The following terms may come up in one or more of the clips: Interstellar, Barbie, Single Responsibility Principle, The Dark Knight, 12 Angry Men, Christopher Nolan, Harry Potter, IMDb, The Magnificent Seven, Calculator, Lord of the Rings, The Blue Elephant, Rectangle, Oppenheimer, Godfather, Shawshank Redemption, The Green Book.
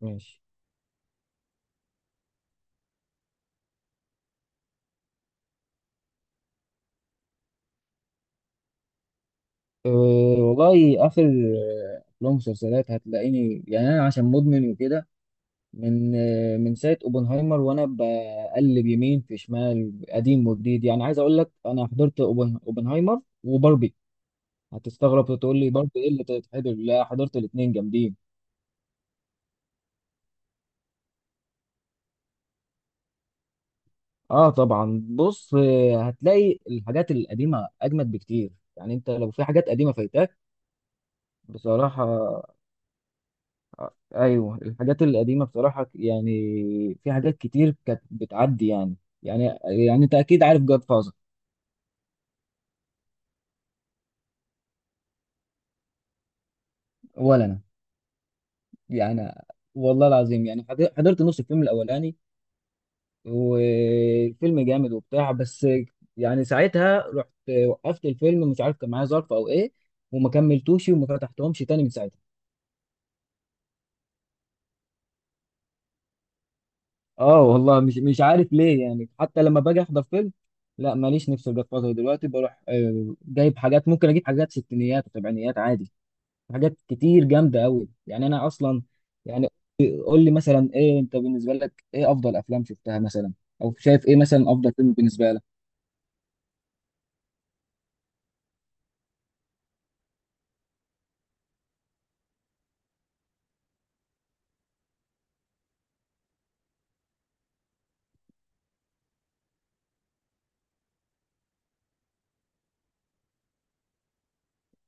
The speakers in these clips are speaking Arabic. ماشي، أه. والله آخر أفلام ومسلسلات هتلاقيني، يعني أنا عشان مدمن وكده. من ساعة أوبنهايمر وأنا بقلب يمين في شمال، قديم وجديد، يعني عايز أقول لك أنا حضرت أوبنهايمر وباربي. هتستغرب وتقول لي باربي إيه اللي تتحضر؟ لا، حضرت الاتنين جامدين. آه طبعا، بص هتلاقي الحاجات القديمة أجمد بكتير، يعني أنت لو في حاجات قديمة فايتاك. بصراحة، ايوه الحاجات القديمه بصراحه، يعني في حاجات كتير كانت بتعدي يعني انت اكيد عارف جاد فازر. ولا انا، يعني. والله العظيم، يعني حضرت نص الفيلم الاولاني، والفيلم جامد وبتاع، بس يعني ساعتها رحت، وقفت الفيلم، مش عارف كان معايا ظرف او ايه، وما كملتوش وما فتحتهمش تاني من ساعتها. اه والله، مش عارف ليه، يعني حتى لما باجي احضر فيلم لا ماليش نفس الجاد فازر دلوقتي. بروح جايب حاجات، ممكن اجيب حاجات ستينيات وسبعينيات عادي. حاجات كتير جامده قوي، يعني انا اصلا يعني. قول لي مثلا ايه، انت بالنسبه لك ايه افضل افلام شفتها مثلا، او شايف ايه مثلا افضل فيلم بالنسبه لك؟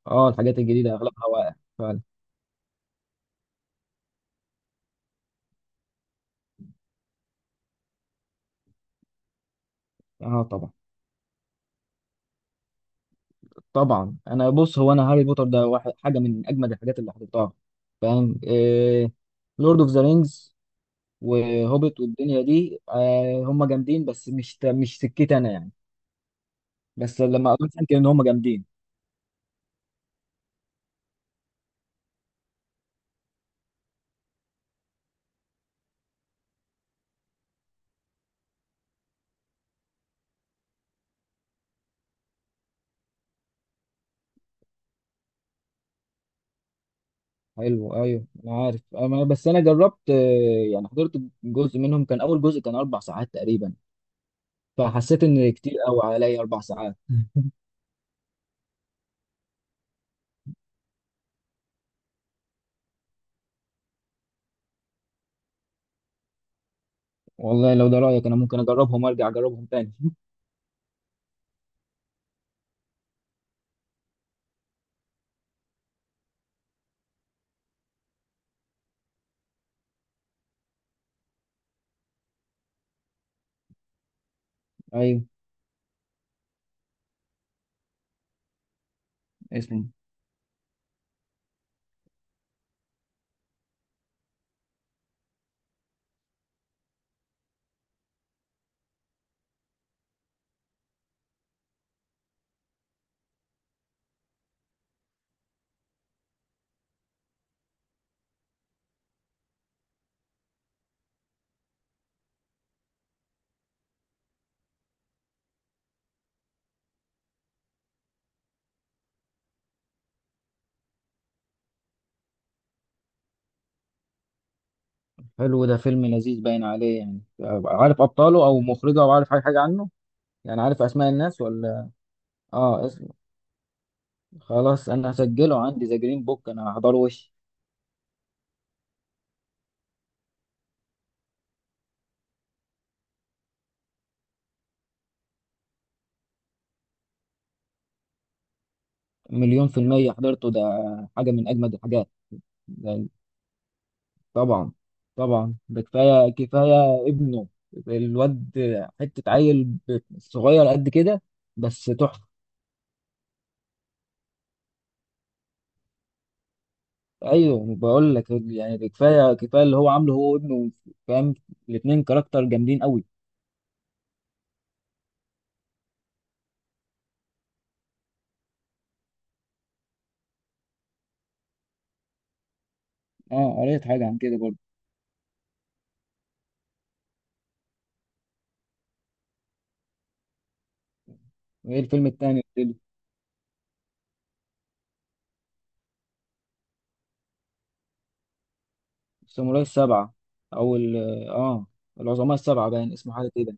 اه الحاجات الجديده اغلبها واقع فعلا. اه طبعا طبعا. انا بص، هو انا هاري بوتر ده واحد حاجه من اجمد الحاجات اللي حضرتها، فاهم إيه؟ لورد اوف ذا رينجز وهوبيت والدنيا دي، آه هم جامدين، بس مش سكتي انا، يعني. بس لما قريت عنك ان هم جامدين. حلو ايوه، انا عارف. أنا بس انا جربت، يعني حضرت جزء منهم، كان اول جزء كان اربع ساعات تقريبا، فحسيت ان كتير قوي عليا اربع ساعات. والله لو ده رايك انا ممكن اجربهم، ارجع اجربهم تاني. ايوه. اسمه. حلو ده، فيلم لذيذ باين عليه. يعني أبقى عارف ابطاله او مخرجه او عارف اي حاجه عنه؟ يعني عارف اسماء الناس ولا؟ اه، اسم. خلاص انا هسجله عندي، ذا جرين بوك، انا هحضره وش. مليون في المية حضرته ده، حاجة من أجمد الحاجات. طبعا طبعا، ده كفايه كفايه ابنه. الواد، حته عيل صغير قد كده، بس تحفه. ايوه بقول لك، يعني ده كفايه كفايه اللي هو عامله هو وابنه، فاهم. الاثنين كاركتر جامدين قوي. اه قريت حاجه عن كده برضه. ايه الفيلم التاني الساموراي السبعه، او اه، العظماء السبعه باين اسمه حاجه كده.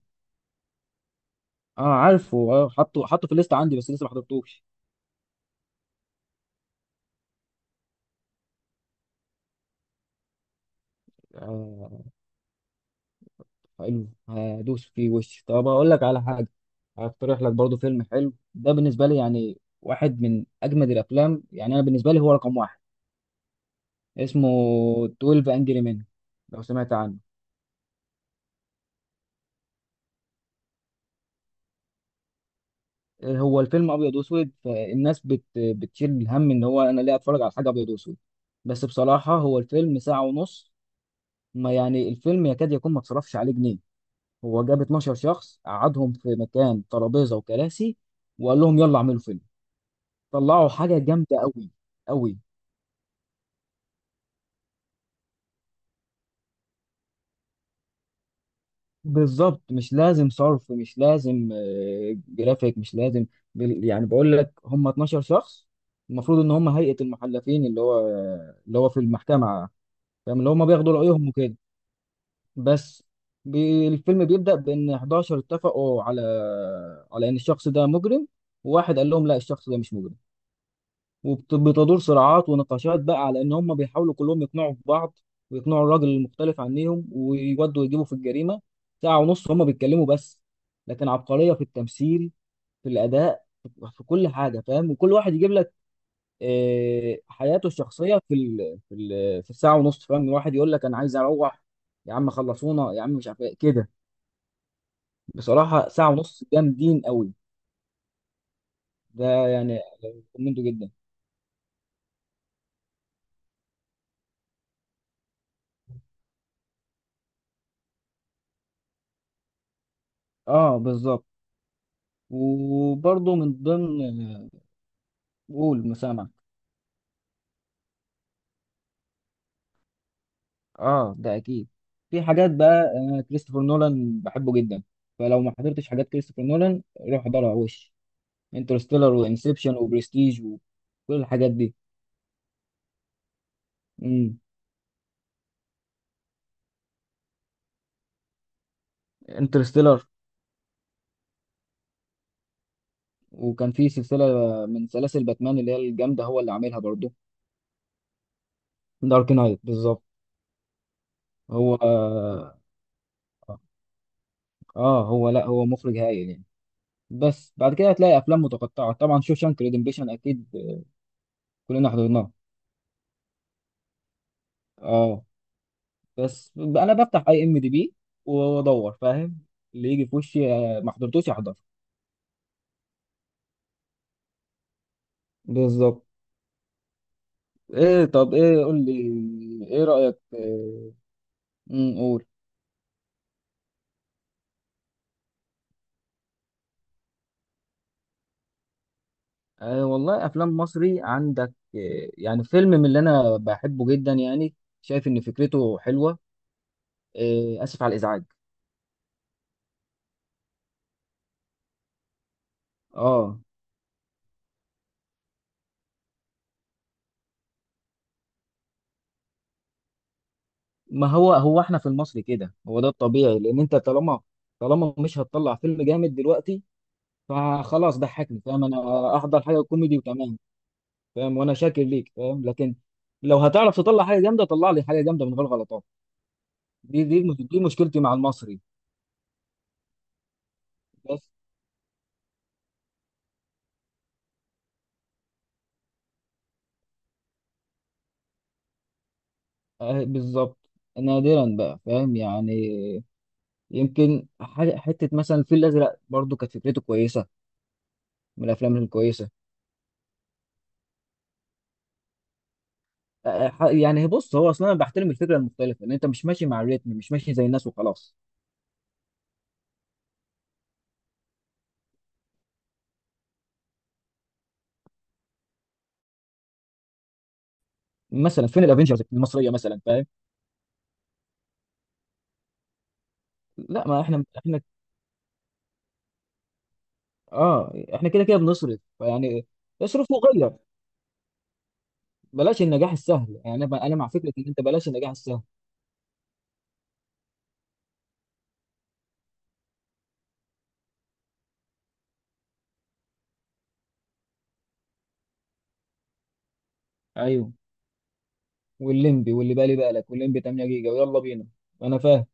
اه عارفه، حطه في الليسته عندي، بس لسه ما حضرتوش. آه، حلو هدوس فيه وش. طب هقول لك على حاجه، هقترح لك برضو فيلم حلو، ده بالنسبه لي يعني واحد من اجمد الافلام. يعني انا بالنسبه لي هو رقم واحد. اسمه 12 انجري مان، لو سمعت عنه. هو الفيلم ابيض واسود، فالناس بتشيل الهم ان هو انا ليه اتفرج على حاجه ابيض واسود. بس بصراحه، هو الفيلم ساعه ونص. ما يعني الفيلم يكاد يكون ما اتصرفش عليه جنيه. هو جاب 12 شخص، قعدهم في مكان ترابيزه وكراسي، وقال لهم يلا اعملوا فيلم. طلعوا حاجة جامدة أوي، أوي. بالظبط، مش لازم صرف، مش لازم، جرافيك مش لازم. يعني بقول لك هم 12 شخص، المفروض إن هم هيئة المحلفين، اللي هو اللي هو في المحكمة، فاهم، اللي هم بياخدوا رأيهم وكده. بس الفيلم بيبدأ بإن 11 اتفقوا على على إن الشخص ده مجرم، وواحد قال لهم لا الشخص ده مش مجرم. وبتدور صراعات ونقاشات بقى على ان هم بيحاولوا كلهم يقنعوا في بعض، ويقنعوا الراجل المختلف عنهم، ويودوا يجيبوا في الجريمه. ساعه ونص هم بيتكلموا بس، لكن عبقريه في التمثيل، في الاداء، في كل حاجه، فاهم. وكل واحد يجيب لك حياته الشخصيه في ال في ال في الساعه ونص، فاهم. واحد يقول لك انا عايز اروح، يا عم خلصونا يا عم، مش عارف ايه كده. بصراحه ساعه ونص جامدين قوي. ده يعني منه جدا. اه بالظبط، وبرضه من ضمن. قول مسامع. اه ده اكيد. في حاجات بقى، انا كريستوفر نولان بحبه جدا، فلو ما حضرتش حاجات كريستوفر نولان روح احضرها وش. انترستيلر وانسبشن وبرستيج وكل الحاجات دي. امم. انترستيلر. وكان في سلسله من سلاسل باتمان اللي هي الجامده، هو اللي عاملها برضه. دارك نايت بالظبط. هو اه، هو لا، هو مخرج هايل يعني. بس بعد كده هتلاقي افلام متقطعه، طبعا شوشانك ريدمبيشن اكيد كلنا حضرناه. اه بس انا بفتح اي ام دي بي وادور، فاهم، اللي يجي في وشي ما حضرتوش احضر. بالظبط. ايه، طب ايه قول لي؟ ايه رأيك قول. والله، افلام مصري عندك يعني فيلم من اللي انا بحبه جدا يعني، شايف ان فكرته حلوة. آه، اسف على الازعاج. اه، ما هو هو احنا في المصري كده هو ده الطبيعي، لان انت طالما طالما مش هتطلع فيلم جامد دلوقتي، فخلاص ضحكني، فاهم. انا احضر حاجة كوميدي وتمام. فاهم، وانا شاكر ليك، فاهم، لكن لو هتعرف تطلع حاجه جامده طلع لي حاجه جامده من غير غلطات. دي دي مشكلتي مع المصري بس. آه بالظبط. نادرا بقى، فاهم يعني. يمكن حته مثلا الفيل الازرق برضو كانت فكرته كويسه، من الافلام الكويسه. يعني بص، هو اصلا انا بحترم الفكره المختلفه، ان انت مش ماشي مع الريتم، مش ماشي زي الناس وخلاص. مثلا فين الافنجرز المصريه مثلا، فاهم؟ لا، ما احنا احنا. اه احنا كده كده بنصرف، فيعني اصرف وغير. بلاش النجاح السهل، يعني انا مع فكره ان انت بلاش النجاح السهل. ايوه، والليمبي واللي بالي بالك، والليمبي 8 جيجا ويلا بينا. انا فاهم.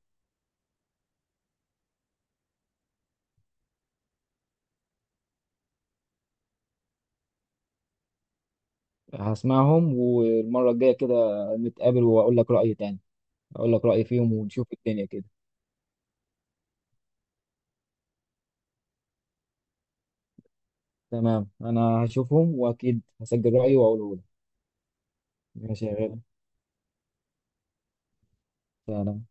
هسمعهم والمره الجايه كده نتقابل، واقول لك رايي تاني، اقول لك رايي فيهم، ونشوف الدنيا كده. تمام، انا هشوفهم واكيد هسجل رايي واقوله لك. ماشي يا غالي. سلام.